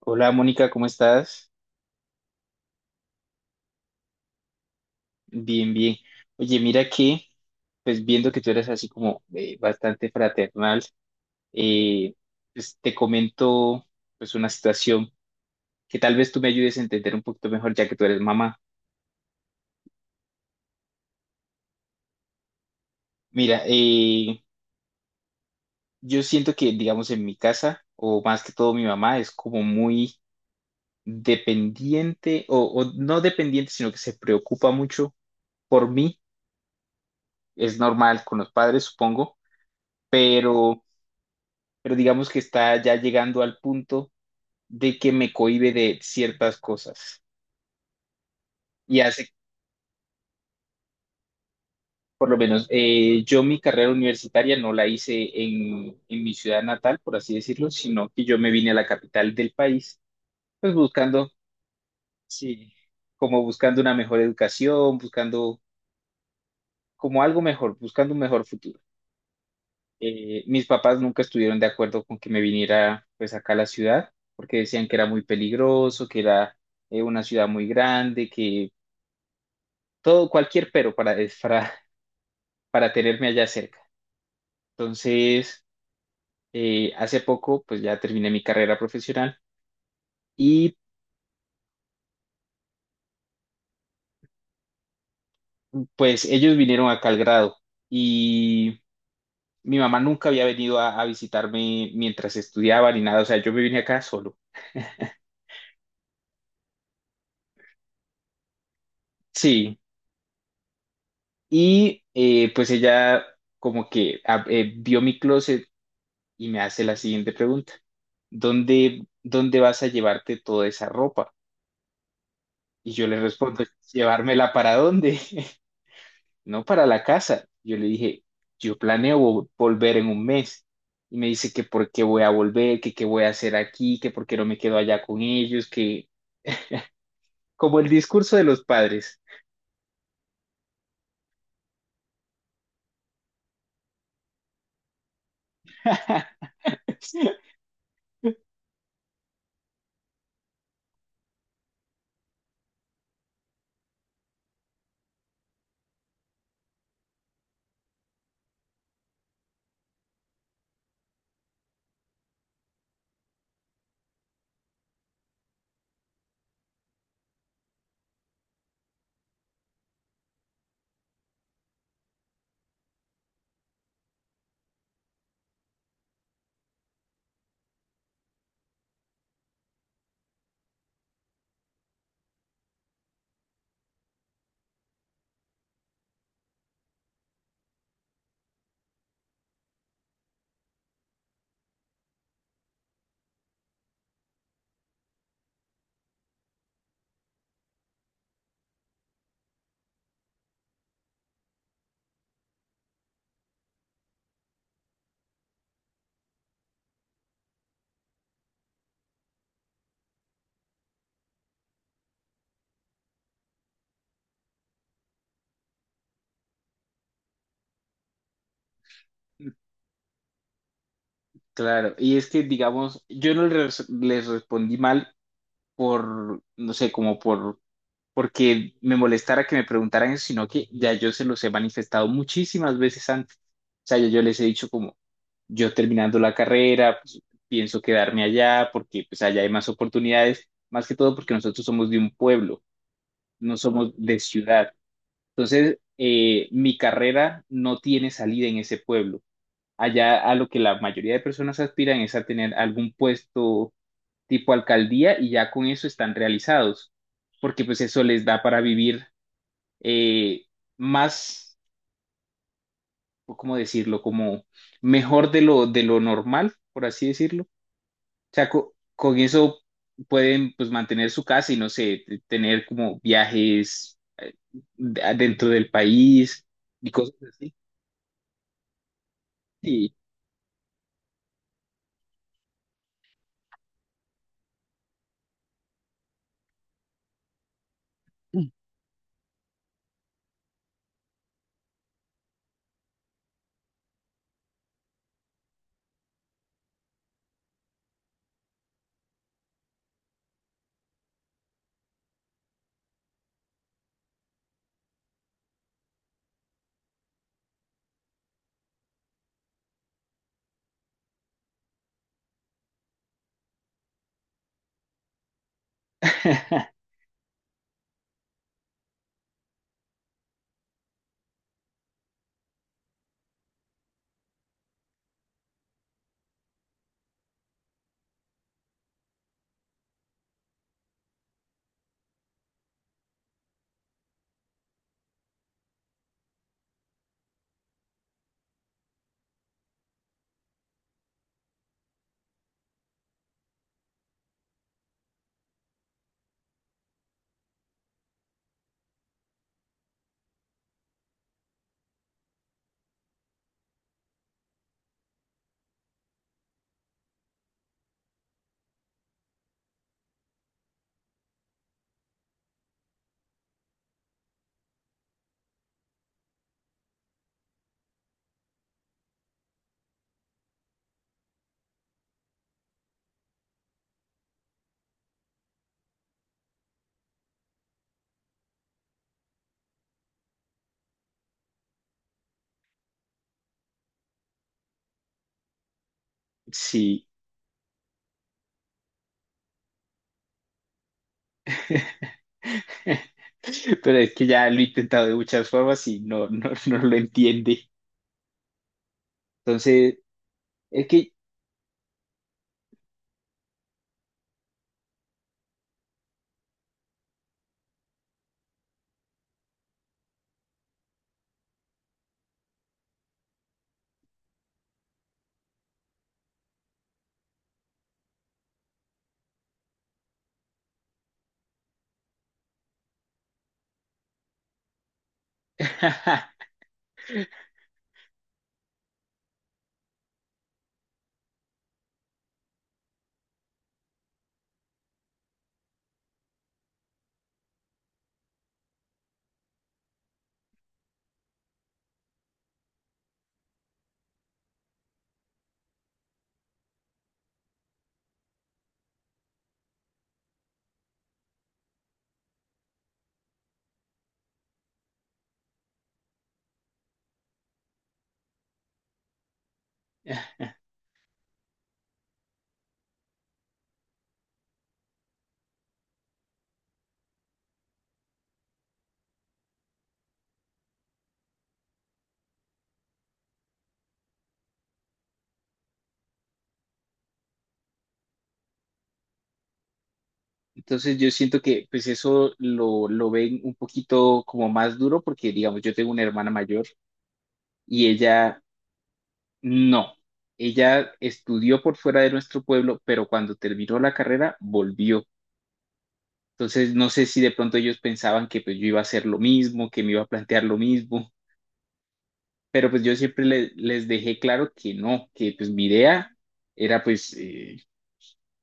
Hola Mónica, ¿cómo estás? Bien, bien. Oye, mira que, pues viendo que tú eres así como bastante fraternal, eh, pues te comento pues una situación que tal vez tú me ayudes a entender un poquito mejor ya que tú eres mamá. Mira, yo siento que, digamos, en mi casa, o más que todo mi mamá, es como muy dependiente, o no dependiente, sino que se preocupa mucho por mí. Es normal con los padres, supongo, pero... pero digamos que está ya llegando al punto de que me cohíbe de ciertas cosas y hace, por lo menos, yo mi carrera universitaria no la hice en mi ciudad natal, por así decirlo, sino que yo me vine a la capital del país, pues buscando, sí, como buscando una mejor educación, buscando como algo mejor, buscando un mejor futuro. Mis papás nunca estuvieron de acuerdo con que me viniera pues acá a la ciudad, porque decían que era muy peligroso, que era una ciudad muy grande, que todo, cualquier pero para, es para tenerme allá cerca. Entonces, hace poco, pues ya terminé mi carrera profesional y pues ellos vinieron acá al grado y mi mamá nunca había venido a visitarme mientras estudiaba ni nada, o sea, yo me vine acá solo. Sí, y pues ella como que vio mi closet y me hace la siguiente pregunta, ¿¿dónde vas a llevarte toda esa ropa? Y yo le respondo, ¿llevármela para dónde? No, para la casa. Yo le dije, yo planeo volver en un mes. Y me dice que por qué voy a volver, que qué voy a hacer aquí, que por qué no me quedo allá con ellos, que como el discurso de los padres. Claro, y es que, digamos, yo no les, les respondí mal por, no sé, como por, porque me molestara que me preguntaran eso, sino que ya yo se los he manifestado muchísimas veces antes. O sea, ya yo les he dicho como, yo terminando la carrera, pues, pienso quedarme allá porque pues allá hay más oportunidades, más que todo porque nosotros somos de un pueblo, no somos de ciudad. Entonces, mi carrera no tiene salida en ese pueblo. Allá a lo que la mayoría de personas aspiran es a tener algún puesto tipo alcaldía y ya con eso están realizados, porque pues eso les da para vivir eh, más, o ¿cómo decirlo? Como mejor de lo normal, por así decirlo sea, con eso pueden pues mantener su casa y no sé, tener como viajes dentro del país y cosas así. Sí. Sí. Pero es que ya lo he intentado de muchas formas y no, no, no lo entiende. Entonces, es que entonces yo siento que pues eso lo ven un poquito como más duro porque digamos yo tengo una hermana mayor y ella no, ella estudió por fuera de nuestro pueblo, pero cuando terminó la carrera volvió. Entonces, no sé si de pronto ellos pensaban que pues yo iba a hacer lo mismo, que me iba a plantear lo mismo, pero pues yo siempre les dejé claro que no, que pues mi idea era pues,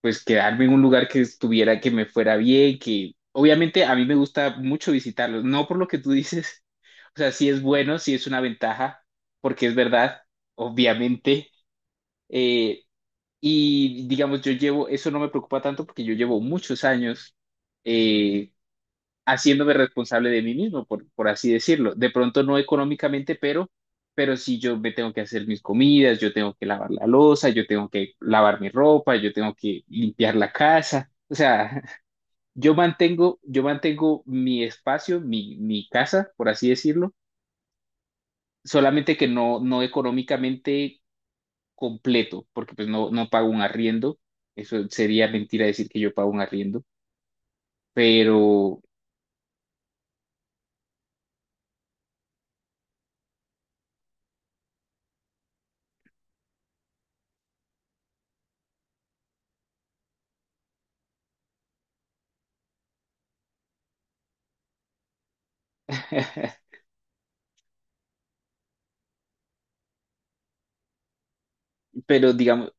pues quedarme en un lugar que estuviera, que me fuera bien, que obviamente a mí me gusta mucho visitarlos, no por lo que tú dices, o sea, sí es bueno, sí es una ventaja, porque es verdad, obviamente. eh, Y digamos, yo llevo, eso no me preocupa tanto porque yo llevo muchos años eh, haciéndome responsable de mí mismo, por así decirlo. De pronto no económicamente, pero sí yo me tengo que hacer mis comidas, yo tengo que lavar la loza, yo tengo que lavar mi ropa, yo tengo que limpiar la casa. O sea, yo mantengo mi espacio, mi casa, por así decirlo, solamente que no, no económicamente completo, porque pues no, no pago un arriendo. Eso sería mentira decir que yo pago un arriendo, pero, pero digamos,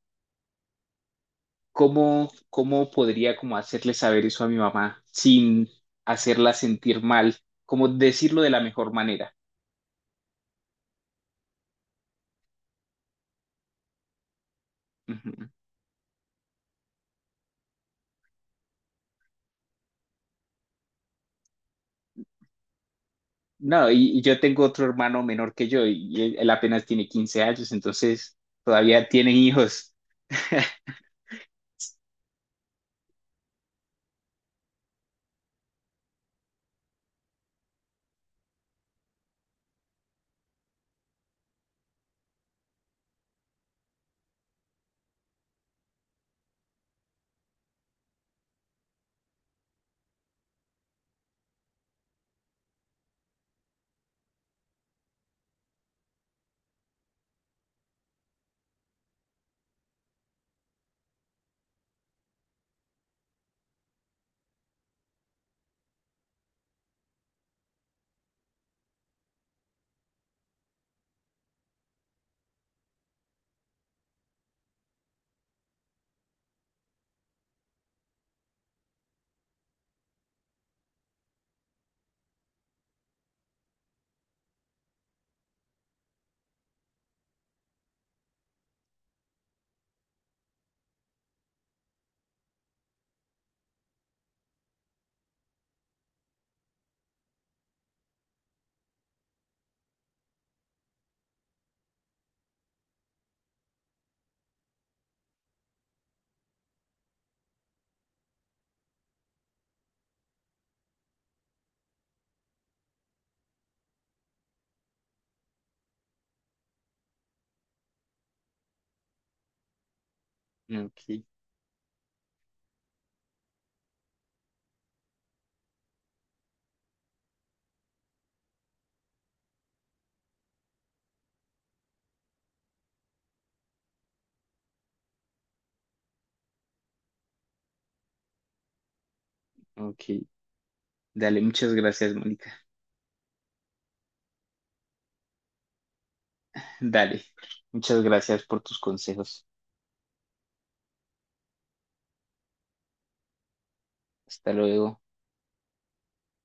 ¿cómo, cómo podría como hacerle saber eso a mi mamá sin hacerla sentir mal? Como decirlo de la mejor manera. Ujú. No, y yo tengo otro hermano menor que yo y él apenas tiene 15 años, entonces todavía tiene hijos. Ok, ok. Dale, muchas gracias, Mónica. Dale, muchas gracias por tus consejos. Hasta luego.